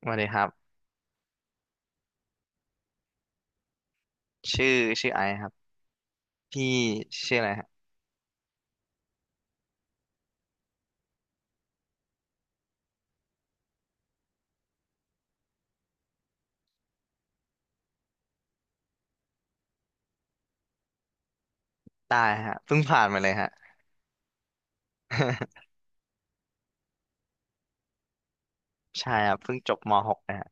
สวัสดีครับชื่อชื่อไอซ์ครับพี่ชื่ออะไรฮะได้ฮะเพิ่งผ่านมาเลยฮะ ใช่ครับเพิ่งจบม .6 นะฮะ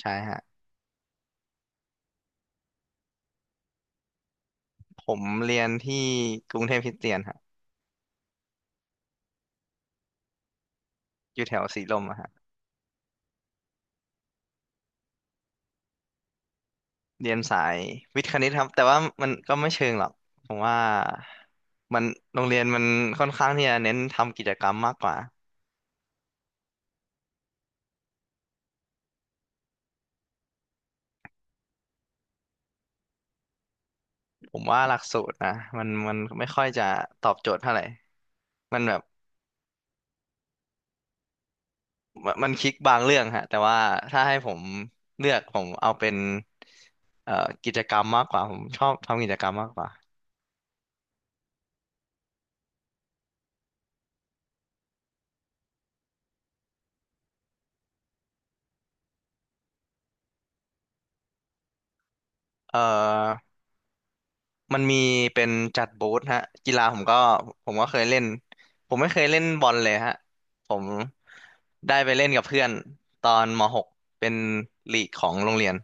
ใช่ฮะผมเรียนที่กรุงเทพคริสเตียนฮะอยู่แถวสีลมอะฮะเรียนสายวิทย์คณิตครับแต่ว่ามันก็ไม่เชิงหรอกผมว่ามันโรงเรียนมันค่อนข้างที่จะเน้นทำกิจกรรมมากกว่าผมว่าหลักสูตรนะมันไม่ค่อยจะตอบโจทย์เท่าไหร่มันแบบ มันคลิกบางเรื่องฮะแต่ว่าถ้าให้ผมเลือกผมเอาเป็นเอ่อกิจกรรมมากกว่าผมชอบทำกิจกรรมมากกว่าเอ่อมันมีเป็นจัดบูธฮะกีฬาผมก็เคยเล่นผมไม่เคยเล่นบอลเลยฮะผมได้ไปเล่นกับเพื่อนตอนมหกเป็นลีกของโรงเรียน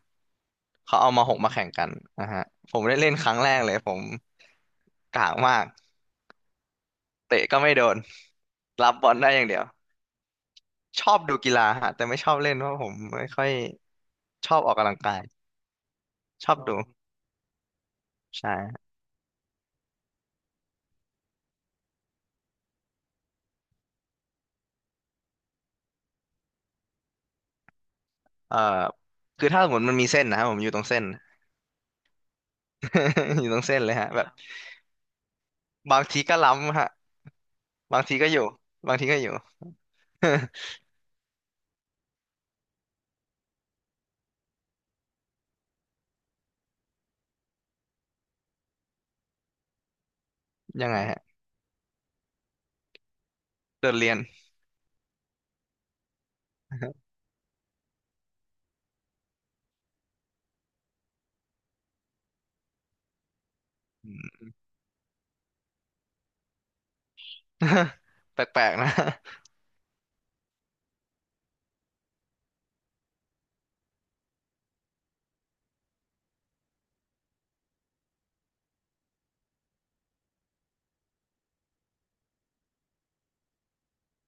เขาเอาม .6 มาแข่งกันนะฮะผมได้เล่นครั้งแรกเลยผมกากมากเตะก็ไม่โดนรับบอลได้อย่างเดียว ชอบดูกีฬาฮะแต่ไม่ชอบเล่นเพราะผมไม่ค่อยชอบออกกำลังกายชอบดูใช่เอ่อคือถ้าสมมติมันมีเส้นนะฮะบผมอยู่ตรงเส้น อยู่ตรงเส้นเลยฮะแบบบางทีก็ล้ำฮะบางทีก็อยู่บางทีก็อยู่ ยังไงฮะโดดเรียน อืม แปลกๆนะ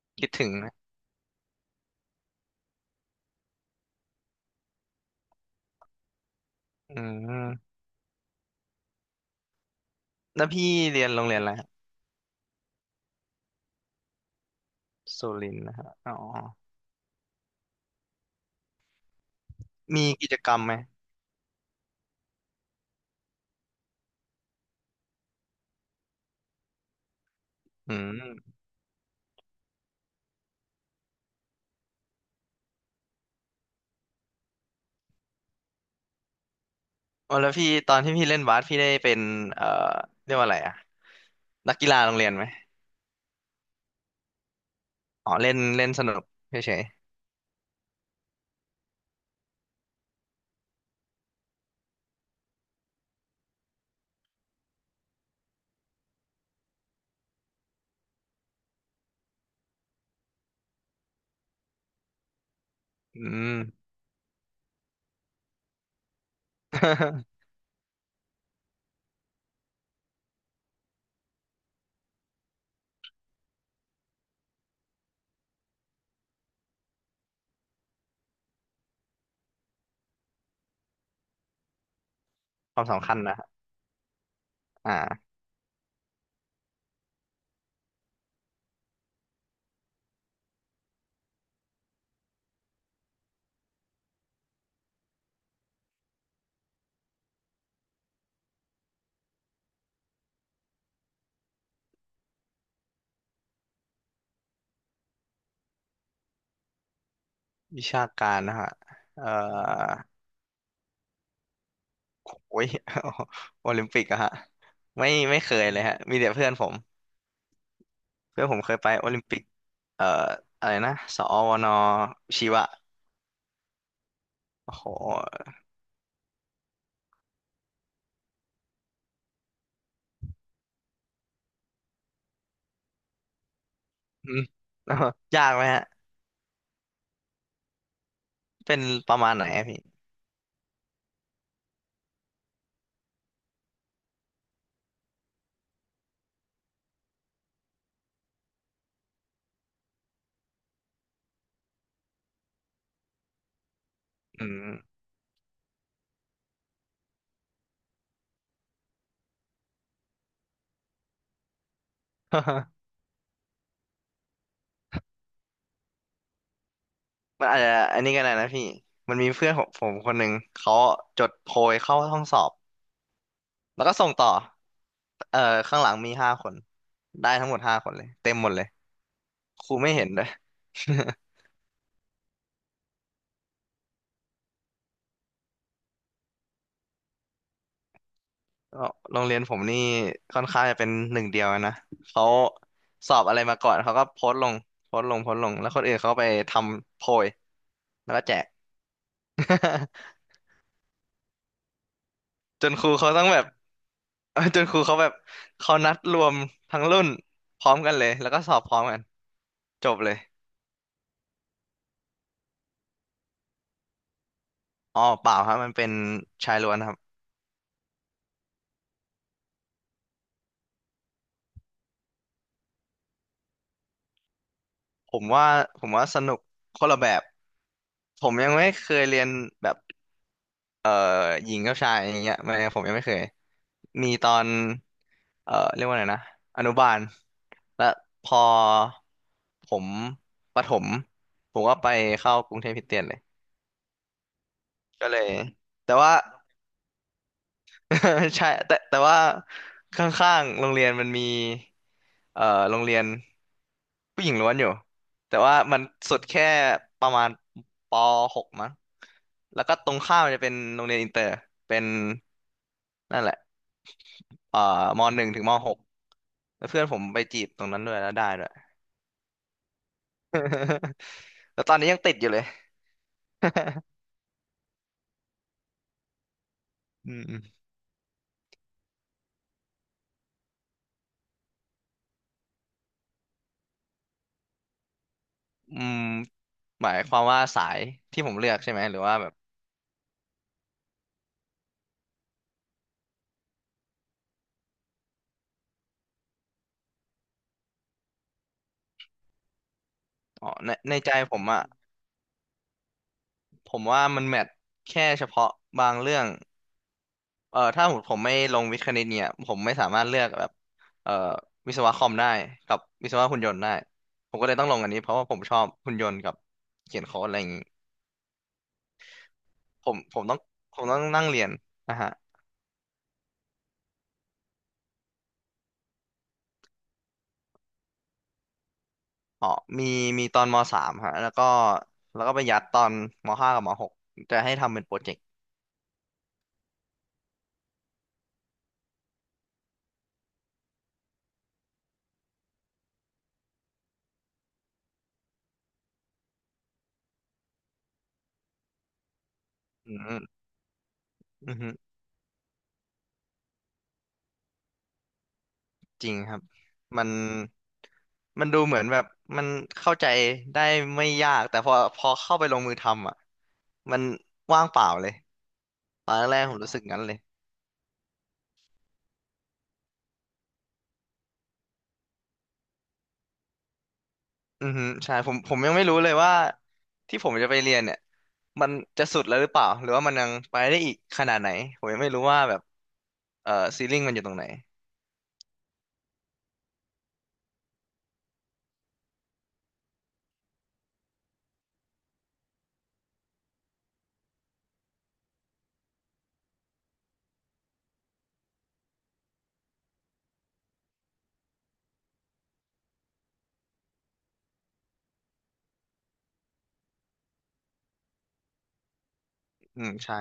คิดถึงนะอืมแล้วพี่เรียนโรงเรียนอะไรฮะสุรินทร์นะฮะอ๋อมีกิจกรรมไหมอืมอ๋อแล้วพี่ตอนที่พี่เล่นบาสพี่ได้เป็นเอ่อเรียกว่าอะไรอะนักกีฬาโรงเรียนไหม อ๋อเล่นเล่นสนุกเฉยๆอืม ความสำคัญนะฮะอ่าวิชาการนะฮะเอ่อโอ้ย โอลิมปิกอะฮะไม่เคยเลยฮะมีแต่เพื่อนผมเพื่อนผมเคยไปโอลิมปิกเอ่ออะไรนะสอวนชีวะโอ้โหอืม ยากไหมฮะเป็นประมาณไหนอะพี่อืม มันอาจจะอันนี้ก็ได้นะพี่มันมีเพื่อนของผมคนหนึ่งเขาจดโพยเข้าห้องสอบ แล้วก็ส่งต่อเอ่อข้างหลังมีห้าคนได้ทั้งหมดห้าคนเลยเต็มหมดเลยครูไม่เห็นเลย ก็โรงเรียนผมนี่ค่อนข้างจะเป็นหนึ่งเดียวนะเขาสอบอะไรมาก่อน เขาก็โพสต์ลงโพสต์ลงแล้วคนอื่นเขาไปทำโพยแล้วก็แจก จนครูเขาต้องแบบ จนครูเขาแบบเขานัดรวมทั้งรุ่นพร้อมกันเลยแล้วก็สอบพร้อมกันจบเลยอ๋อเปล่าครับมันเป็นชายล้วนครับ ผมว่าผมว่าสนุกคนละแบบผมยังไม่เคยเรียนแบบเอ่อหญิงกับชายอย่างเงี้ยไม่ผมยังไม่เคยมีตอนเรียกว่าไงนะอนุบาลและพอผมประถมผมก็ไปเข้ากรุงเทพคริสเตียนเลยก็เลยแต่ว่า ใช่แต่ว่าข้างๆโรงเรียนมันมีเอ่อโรงเรียนผู้หญิงล้วนอยู่แต่ว่ามันสุดแค่ประมาณป .6 มั้งแล้วก็ตรงข้ามมันจะเป็นโรงเรียนอินเตอร์เป็นนั่นแหละเอ่อม .1 ถึงม .6 แล้วเพื่อนผมไปจีบตรงนั้นด้วยแล้วได้ด้วย แล้วตอนนี้ยังติดอยู่เลย อืมอืมหมายความว่าสายที่ผมเลือกใช่ไหมหรือว่าแบบอ๋อในในใจผมอ่ะ ผมว่ามันแมทแค่เฉพาะบางเรื่องถ้าผมไม่ลงวิทย์คณิตเนี่ยผมไม่สามารถเลือกแบบเอ่อวิศวะคอมได้กับวิศวะหุ่นยนต์ได้ผมก็เลยต้องลงอันนี้เพราะว่าผมชอบหุ่นยนต์กับเขียนโค้ดอะไรอย่างนี้ผมผมต้องผมต้องนั่งเรียนนะฮะอ๋อมีมีตอนมสามฮะแล้วก็ไปยัดตอนมห้ากับมหกจะให้ทำเป็นโปรเจกต์อืมอืม จริงครับมันมันดูเหมือนแบบมันเข้าใจได้ไม่ยากแต่พอพอเข้าไปลงมือทำอ่ะมันว่างเปล่าเลยตอนแรกๆผมรู้สึกงั้นเลยอือฮึใช่ผมยังไม่รู้เลยว่าที่ผมจะไปเรียนเนี่ยมันจะสุดแล้วหรือเปล่าหรือว่ามันยังไปได้อีกขนาดไหนผมยังไม่รู้ว่าแบบเอ่อซีลิ่งมันอยู่ตรงไหนอืมใช่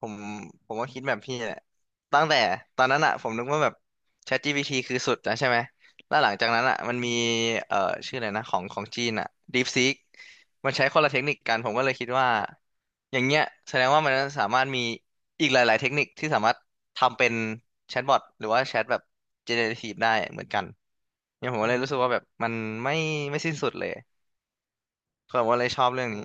ผมผมก็คิดแบบพี่แหละตั้งแต่ตอนนั้นอะผมนึกว่าแบบ ChatGPT คือสุดนะใช่ไหมแล้วหลังจากนั้นอะมันมีเอ่อชื่ออะไรนะของของจีนอะ DeepSeek มันใช้คนละเทคนิคกันผมก็เลยคิดว่าอย่างเงี้ยแสดงว่ามันสามารถมีอีกหลายๆเทคนิคที่สามารถทำเป็นแชทบอทหรือว่าแชทแบบ generative ได้เหมือนกันเนี่ยผมก็เลยรู้สึกว่าแบบมันไม่ไม่สิ้นสุดเลยผมก็เลยชอบเรื่องนี้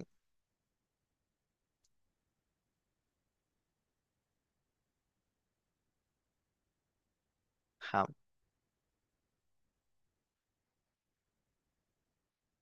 ครับ